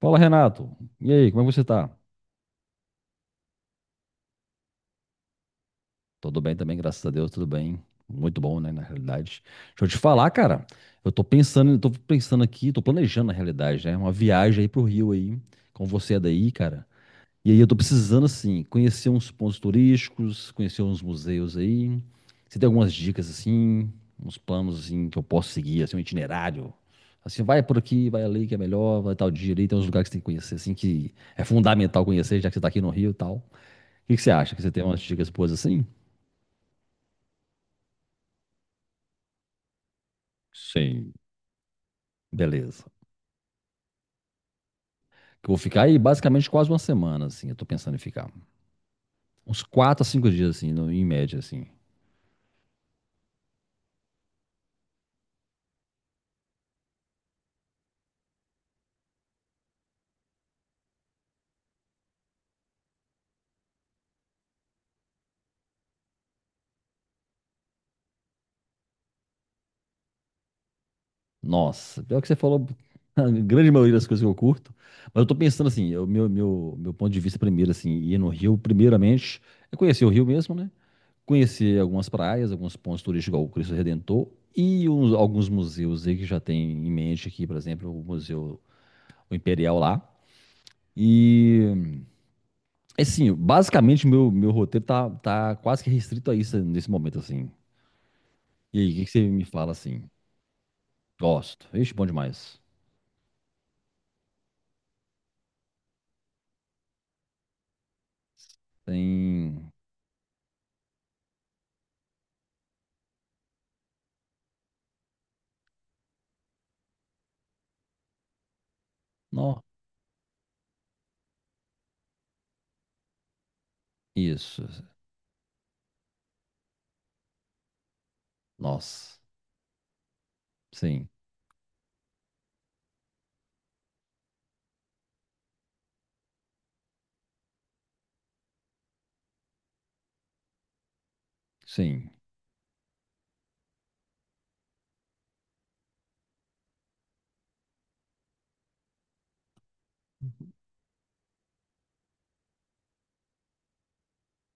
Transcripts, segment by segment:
Fala, Renato. E aí, como é que você tá? Tudo bem também, graças a Deus, tudo bem. Muito bom, né, na realidade. Deixa eu te falar, cara. Eu tô pensando aqui, tô planejando na realidade, né, uma viagem aí pro Rio aí, com você é daí, cara. E aí eu tô precisando assim, conhecer uns pontos turísticos, conhecer uns museus aí. Você tem algumas dicas assim, uns planos assim que eu posso seguir, assim, um itinerário. Assim, vai por aqui, vai ali que é melhor, vai tal dia ali, tem uns lugares que você tem que conhecer assim que é fundamental conhecer, já que você tá aqui no Rio e tal. O que que você acha? Que você tem umas dicas boas assim? Sim. Beleza. Que eu vou ficar aí basicamente quase uma semana, assim. Eu tô pensando em ficar. Uns 4 a 5 dias, assim, em média, assim. Nossa, pior que você falou a grande maioria das coisas que eu curto. Mas eu tô pensando assim, o meu ponto de vista primeiro, assim, ir no Rio, primeiramente, é conhecer o Rio mesmo, né? Conhecer algumas praias, alguns pontos turísticos, igual o Cristo Redentor, e alguns museus aí que já tem em mente aqui, por exemplo, o Museu o Imperial lá. E Assim, basicamente, meu roteiro tá quase que restrito a isso nesse momento, assim. E aí, o que que você me fala, assim? Gosto. Ixi, bom demais. Tem... Nó. Isso. Nossa. Sim. Sim.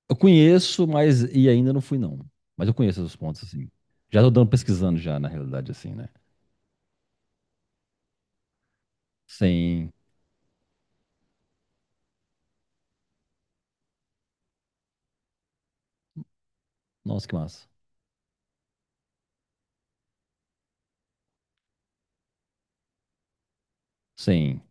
Eu conheço, mas... E ainda não fui, não. Mas eu conheço os pontos, assim. Já tô dando pesquisando já, na realidade, assim, né? Sim. Nossa, que massa. Sim.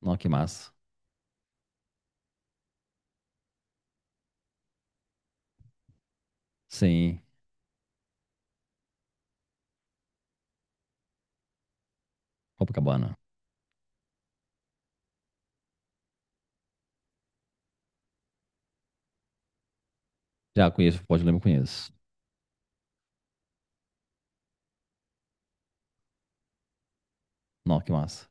Nó, que massa. Sim. Copacabana. Já conheço, pode lembrar, conheço. Nó, que massa.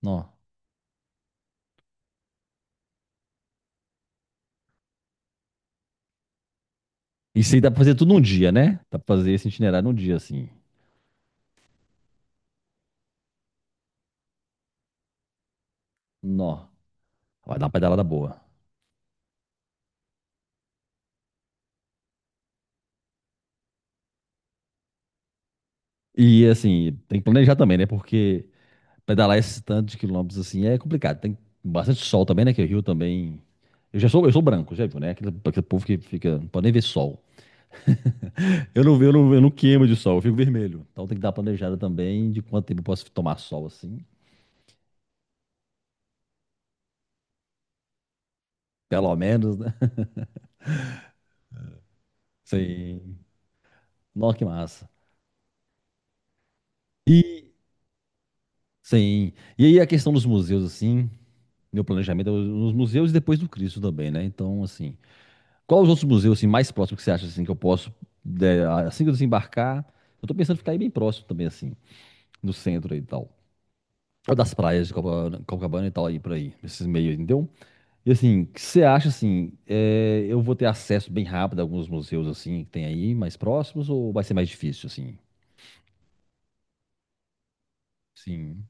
Nó. Isso aí dá pra fazer tudo num dia, né? Dá pra fazer esse itinerário num dia, assim. Nó. Vai dar uma pedalada boa. E, assim, tem que planejar também, né? Porque pedalar esse tanto de quilômetros, assim, é complicado. Tem bastante sol também, né? Que o Rio também... Eu sou branco, já viu, né? Aquele povo que fica... Não pode nem ver sol. Eu não queimo de sol, eu fico vermelho. Então tem que dar uma planejada também de quanto tempo eu posso tomar sol, assim. Pelo menos, né? Sim. Nossa, que massa. E... Sim. E aí a questão dos museus, assim... Meu planejamento é nos museus e depois do Cristo também, né? Então, assim, qual os outros museus assim, mais próximos que você acha assim, que eu posso, assim que eu desembarcar? Eu tô pensando em ficar aí bem próximo também, assim, no centro aí e tal. Ou das praias de Copacabana e tal, aí por aí, esses meios, entendeu? E assim, o que você acha assim? Eu vou ter acesso bem rápido a alguns museus assim que tem aí, mais próximos, ou vai ser mais difícil, assim? Sim,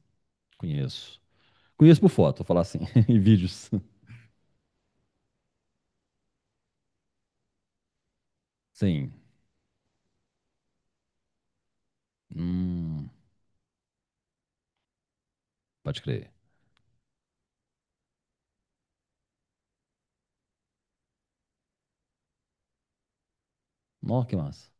conheço. Conheço por foto, vou falar assim, em vídeos. Sim. Hum, pode crer. Nossa, que massa.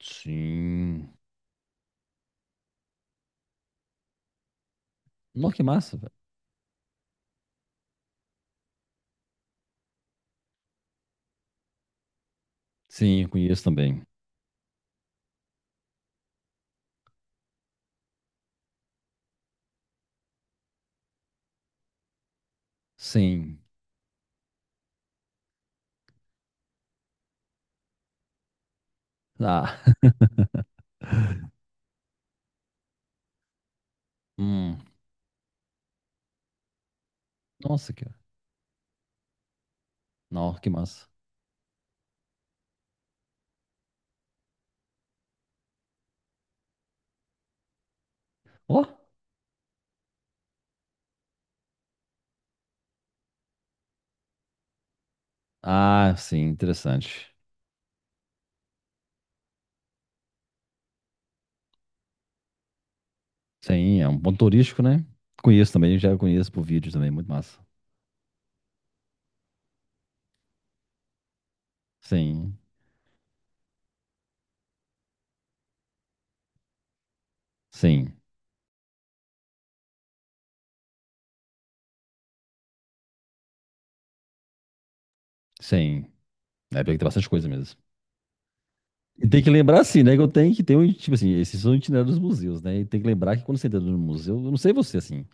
Sim. Nossa, que massa, velho. Sim, eu conheço também. Sim. Ah, hum. Nossa, cara. Nossa, que massa. Ó. Ah, sim, interessante. Sim, é um ponto turístico, né? Conheço também, já conheço por vídeo também, muito massa. Sim, sim, sim. É, porque tem bastante coisa mesmo. E tem que lembrar, assim, né, que eu tenho que ter um, tipo assim, esses são itinerários dos museus, né? E tem que lembrar que quando você entra no museu, eu não sei você, assim,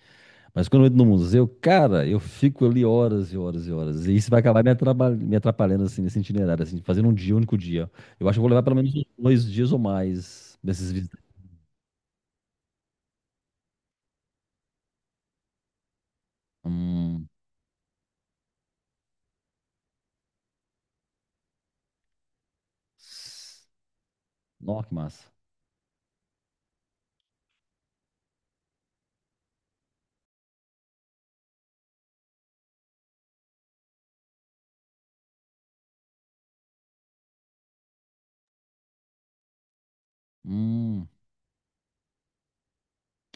mas quando eu entro no museu, cara, eu fico ali horas e horas e horas. E isso vai acabar me atrapalhando, assim, nesse itinerário, assim, fazendo um dia, um único dia. Eu acho que eu vou levar pelo menos uns 2 dias ou mais desses visitas. Hum. Nossa, que massa. Hum.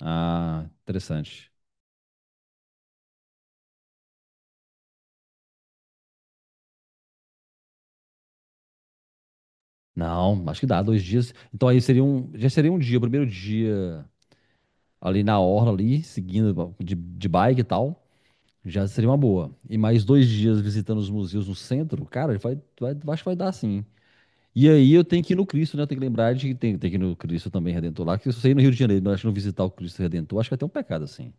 Ah, interessante. Não, acho que dá, 2 dias. Então aí seria um, já seria um dia, o primeiro dia ali na orla ali, seguindo de bike e tal, já seria uma boa. E mais 2 dias visitando os museus no centro, cara, vai, acho que vai dar sim. E aí eu tenho que ir no Cristo, né? Eu tenho que lembrar de que tem que ir no Cristo também Redentor lá. Que se você ir no Rio de Janeiro, não, acho que não visitar o Cristo Redentor, acho que é até um pecado, assim.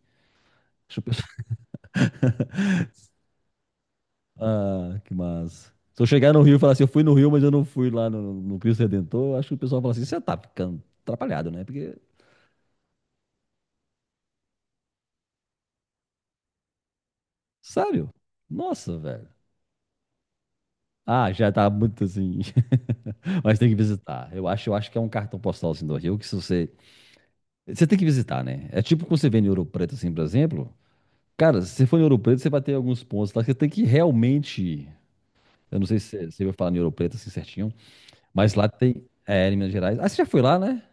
Acho que o pessoal- Ah, que massa. Se eu chegar no Rio e falar assim, eu fui no Rio, mas eu não fui lá no Cristo Redentor, eu acho que o pessoal fala assim, você tá ficando atrapalhado, né? Porque, sério? Nossa, velho. Ah, já tá muito assim. Mas tem que visitar. Eu acho que é um cartão postal assim do Rio que se você. Você tem que visitar, né? É tipo quando você vem em Ouro Preto, assim, por exemplo. Cara, se você for em Ouro Preto, você vai ter alguns pontos lá que você tem que realmente. Eu não sei se você vai falar em Ouro Preto assim certinho, mas lá tem. É, em Minas Gerais. Ah, você já foi lá, né?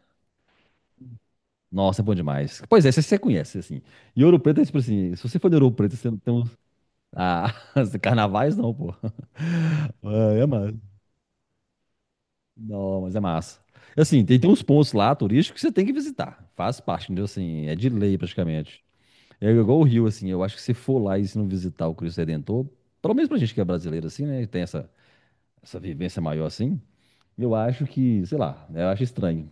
Nossa, é bom demais. Pois é, você conhece, assim. E Ouro Preto é tipo assim: se você for em Ouro Preto, você não tem um. Ah, carnavais não, pô. Massa. Não, mas é massa. Assim, tem uns pontos lá turísticos que você tem que visitar. Faz parte, entendeu? Assim, é de lei praticamente. É igual o Rio, assim. Eu acho que se for lá e se não visitar o Cristo Redentor, pelo menos pra gente que é brasileiro, assim, né? Tem essa vivência maior assim, eu acho que, sei lá, né, eu acho estranho.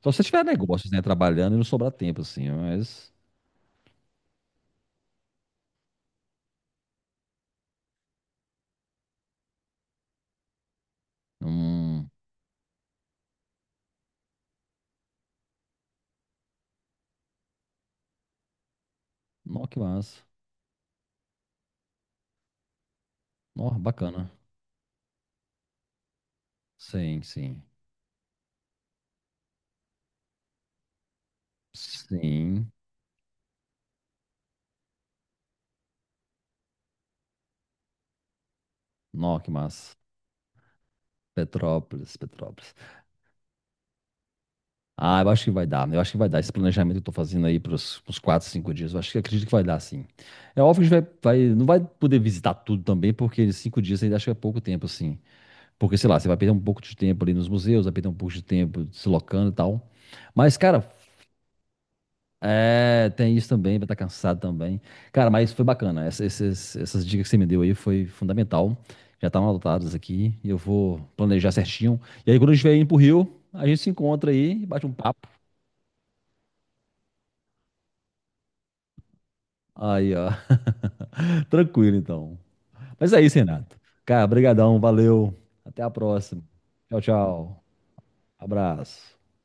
Só se você tiver negócios, né, trabalhando e não sobrar tempo, assim, mas. Hum, nó, que massa. Nó, bacana. Sim, sim. Sim. Nó, que massa. Petrópolis, Petrópolis. Ah, eu acho que vai dar, né. Eu acho que vai dar. Esse planejamento que eu tô fazendo aí pros 4, 5 dias, eu acho que acredito que vai dar, sim. É óbvio que a gente vai, não vai poder visitar tudo também, porque 5 dias ainda acho que é pouco tempo, assim. Porque, sei lá, você vai perder um pouco de tempo ali nos museus, vai perder um pouco de tempo deslocando e tal. Mas, cara, tem isso também, vai estar cansado também. Cara, mas foi bacana. Essas dicas que você me deu aí foi fundamental. Já estavam adotadas aqui. E eu vou planejar certinho. E aí, quando eu estiver indo pro Rio, a gente se encontra aí e bate um papo. Aí, ó. Tranquilo, então. Mas é isso, Renato. Cara, brigadão, valeu. Até a próxima. Tchau, tchau. Abraço.